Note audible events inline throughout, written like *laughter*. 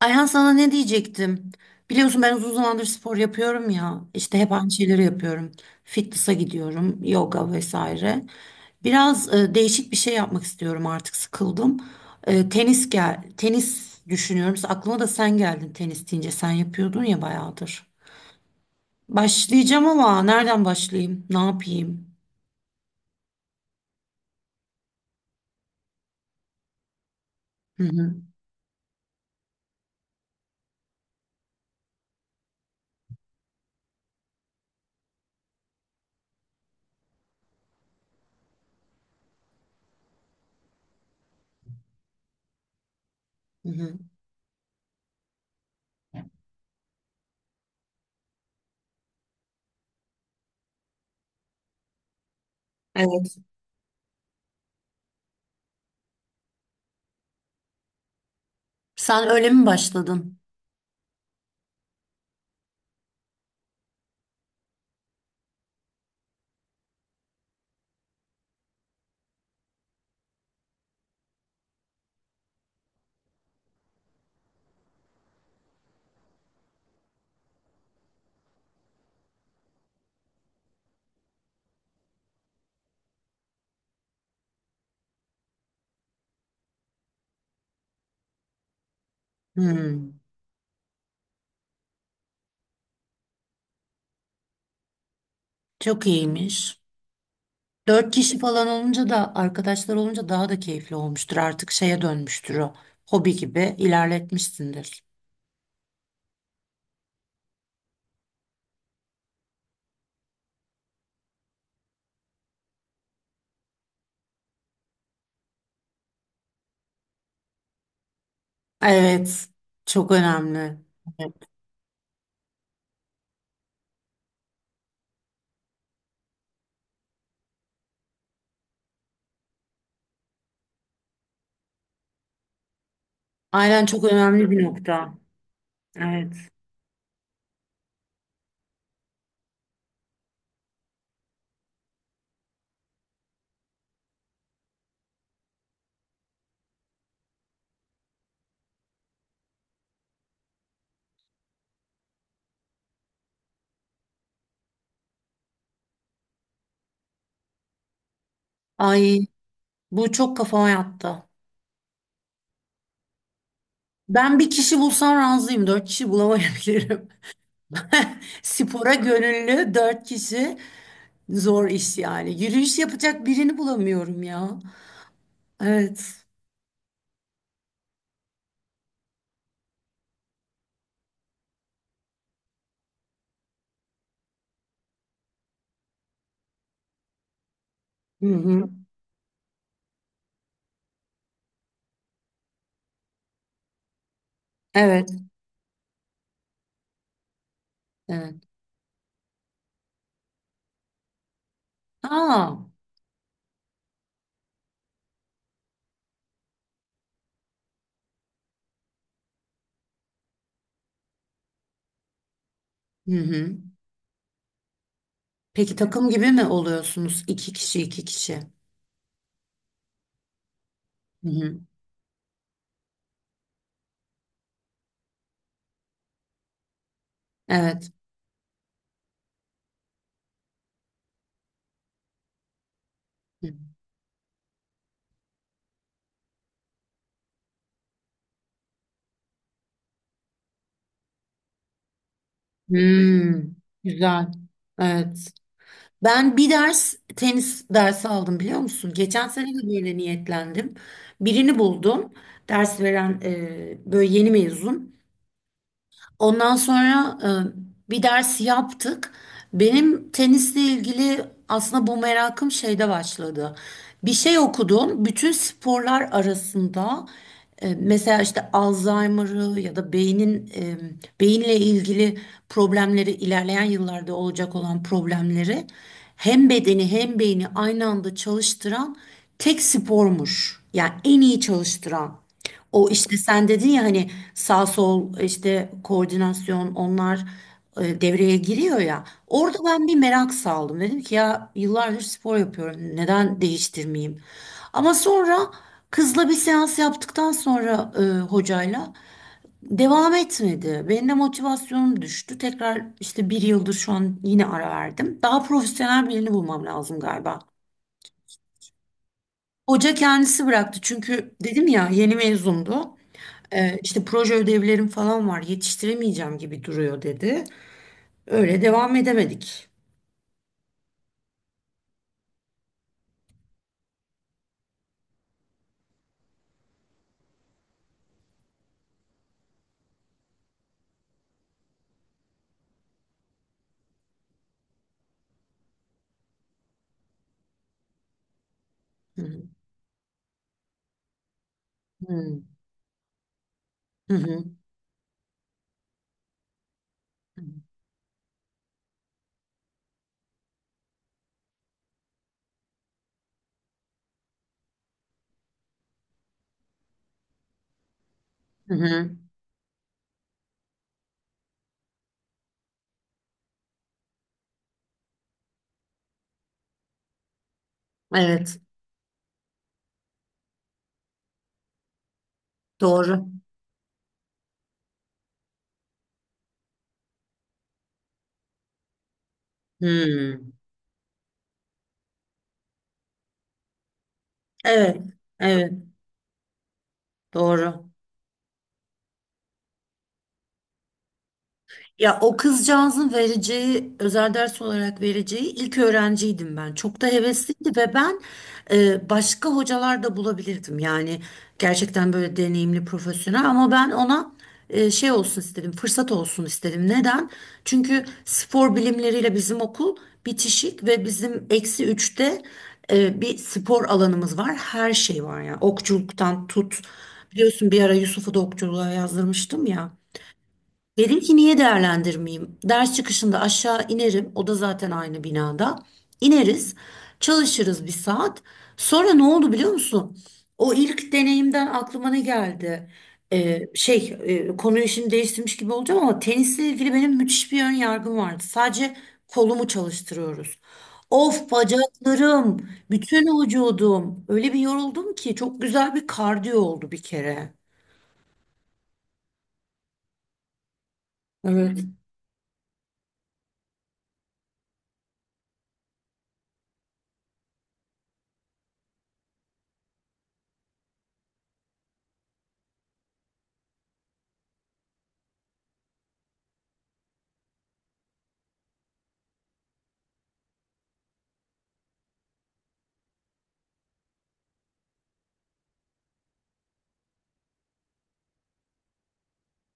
Ayhan sana ne diyecektim? Biliyorsun ben uzun zamandır spor yapıyorum ya. İşte hep aynı şeyleri yapıyorum. Fitness'a gidiyorum, yoga vesaire. Biraz değişik bir şey yapmak istiyorum artık sıkıldım. Tenis gel, tenis düşünüyorum. Aklıma da sen geldin tenis deyince. Sen yapıyordun ya bayağıdır. Başlayacağım ama nereden başlayayım? Ne yapayım? Hı hı. Hı hı. Evet. Sen öyle mi başladın? Hı. Çok iyiymiş. Dört kişi falan olunca da arkadaşlar olunca daha da keyifli olmuştur. Artık şeye dönmüştür o. Hobi gibi ilerletmişsindir. Evet. Çok önemli. Evet. Aynen çok önemli bir nokta. Evet. Ay, bu çok kafama yattı. Ben bir kişi bulsam razıyım. Dört kişi bulamayabilirim. *laughs* Spora gönüllü dört kişi zor iş yani. Yürüyüş yapacak birini bulamıyorum ya. Evet. Hı hı. Evet. Evet. Aa. Hı hı. Peki takım gibi mi oluyorsunuz? İki kişi, iki kişi. Hı hı. Evet. Hı. Hmm, güzel. Evet. Ben bir ders tenis dersi aldım biliyor musun? Geçen sene de böyle niyetlendim. Birini buldum. Ders veren böyle yeni mezun. Ondan sonra bir ders yaptık. Benim tenisle ilgili aslında bu merakım şeyde başladı. Bir şey okudum. Bütün sporlar arasında mesela işte Alzheimer'ı ya da beynin beyinle ilgili problemleri ilerleyen yıllarda olacak olan problemleri hem bedeni hem beyni aynı anda çalıştıran tek spormuş. Yani en iyi çalıştıran. O işte sen dedin ya hani sağ sol işte koordinasyon onlar devreye giriyor ya. Orada ben bir merak saldım. Dedim ki ya yıllardır spor yapıyorum. Neden değiştirmeyeyim? Ama sonra kızla bir seans yaptıktan sonra hocayla devam etmedi. Benim de motivasyonum düştü. Tekrar işte bir yıldır şu an yine ara verdim. Daha profesyonel birini bulmam lazım galiba. Hoca kendisi bıraktı çünkü dedim ya yeni mezundu. İşte proje ödevlerim falan var yetiştiremeyeceğim gibi duruyor dedi. Öyle devam edemedik. Hı hı. Hı hı. Hı hı. Evet, doğru. Hı. Evet, evet, doğru. Ya o kızcağızın vereceği, özel ders olarak vereceği ilk öğrenciydim ben. Çok da hevesliydi ve ben başka hocalar da bulabilirdim. Yani gerçekten böyle deneyimli, profesyonel ama ben ona şey olsun istedim, fırsat olsun istedim. Neden? Çünkü spor bilimleriyle bizim okul bitişik ve bizim eksi üçte bir spor alanımız var. Her şey var ya. Okçuluktan tut. Biliyorsun bir ara Yusuf'u da okçuluğa yazdırmıştım ya. Dedim ki niye değerlendirmeyeyim? Ders çıkışında aşağı inerim. O da zaten aynı binada. İneriz, çalışırız bir saat. Sonra ne oldu biliyor musun? O ilk deneyimden aklıma ne geldi? Şey, konuyu şimdi değiştirmiş gibi olacağım ama tenisle ilgili benim müthiş bir ön yargım vardı. Sadece kolumu çalıştırıyoruz. Of, bacaklarım, bütün vücudum. Öyle bir yoruldum ki çok güzel bir kardiyo oldu bir kere. Evet.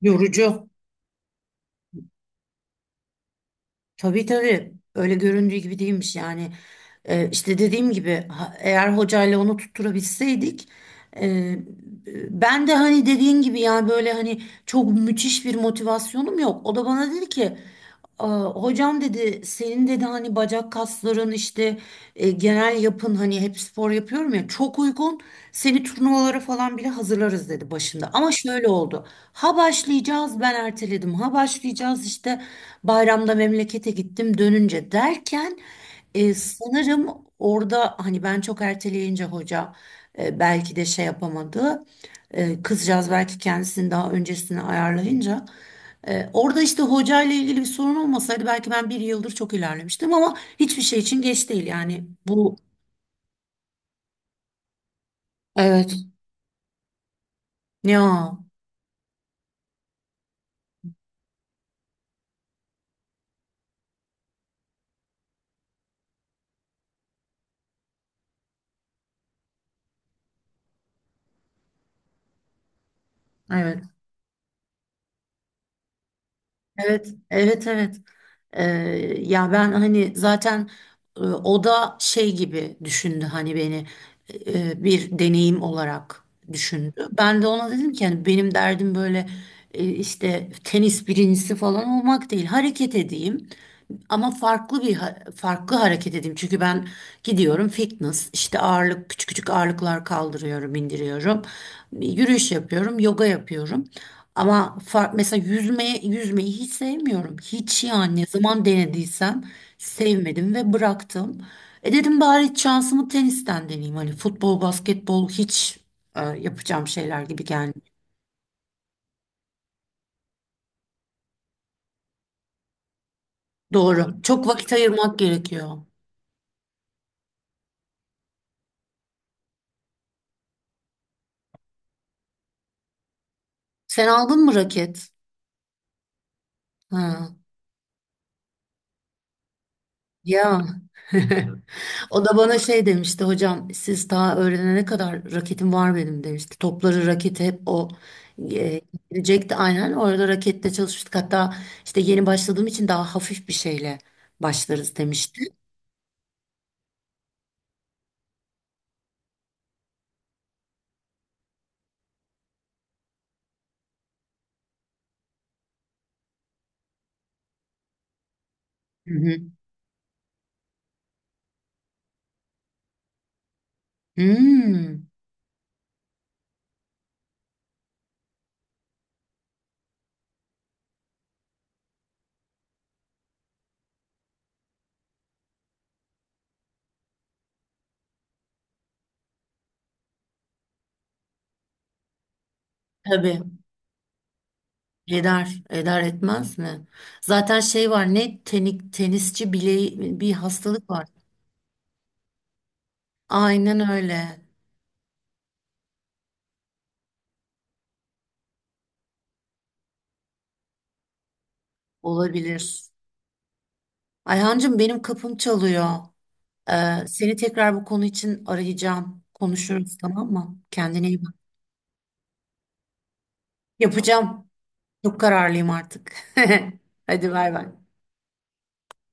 Yorucu. Tabii tabii öyle göründüğü gibi değilmiş yani. İşte dediğim gibi eğer hocayla onu tutturabilseydik, e, ben de hani dediğin gibi yani böyle hani çok müthiş bir motivasyonum yok, o da bana dedi ki "Aa, hocam dedi senin dedi hani bacak kasların işte genel yapın hani hep spor yapıyorum ya, çok uygun, seni turnuvalara falan bile hazırlarız" dedi başında, ama şöyle oldu: ha başlayacağız ben erteledim, ha başlayacağız işte bayramda memlekete gittim dönünce derken, sanırım orada hani ben çok erteleyince hoca belki de şey yapamadı. Kızcağız belki kendisini daha öncesine ayarlayınca, orada işte hoca ile ilgili bir sorun olmasaydı belki ben bir yıldır çok ilerlemiştim, ama hiçbir şey için geç değil yani bu. Evet. Ya, evet. Evet, evet, evet. Ee, ya ben hani zaten o da şey gibi düşündü, hani beni bir deneyim olarak düşündü. Ben de ona dedim ki hani benim derdim böyle işte tenis birincisi falan olmak değil. Hareket edeyim ama farklı bir farklı hareket edeyim. Çünkü ben gidiyorum fitness işte ağırlık küçük küçük ağırlıklar kaldırıyorum, indiriyorum. Yürüyüş yapıyorum, yoga yapıyorum. Ama fark, mesela yüzmeye, yüzmeyi hiç sevmiyorum. Hiç yani, ne zaman denediysem sevmedim ve bıraktım. E dedim bari şansımı tenisten deneyeyim. Hani futbol, basketbol hiç yapacağım şeyler gibi gelmiyor. Doğru. Çok vakit ayırmak gerekiyor. Sen aldın mı raket? Ha. Ya *laughs* o da bana şey demişti, hocam siz daha öğrenene kadar raketim var benim demişti. Topları raketi hep o getirecekti, aynen orada rakette çalışmıştık. Hatta işte yeni başladığım için daha hafif bir şeyle başlarız demişti. Hı hı. Hmm, tabii, eder eder etmez mi? Zaten şey var, ne tenik, tenisçi bileği bir hastalık var. Aynen öyle, olabilir. Ayhancığım benim kapım çalıyor. Seni tekrar bu konu için arayacağım. Konuşuruz tamam mı? Kendine iyi bak. Yapacağım. Çok kararlıyım artık. *laughs* Hadi bay bay.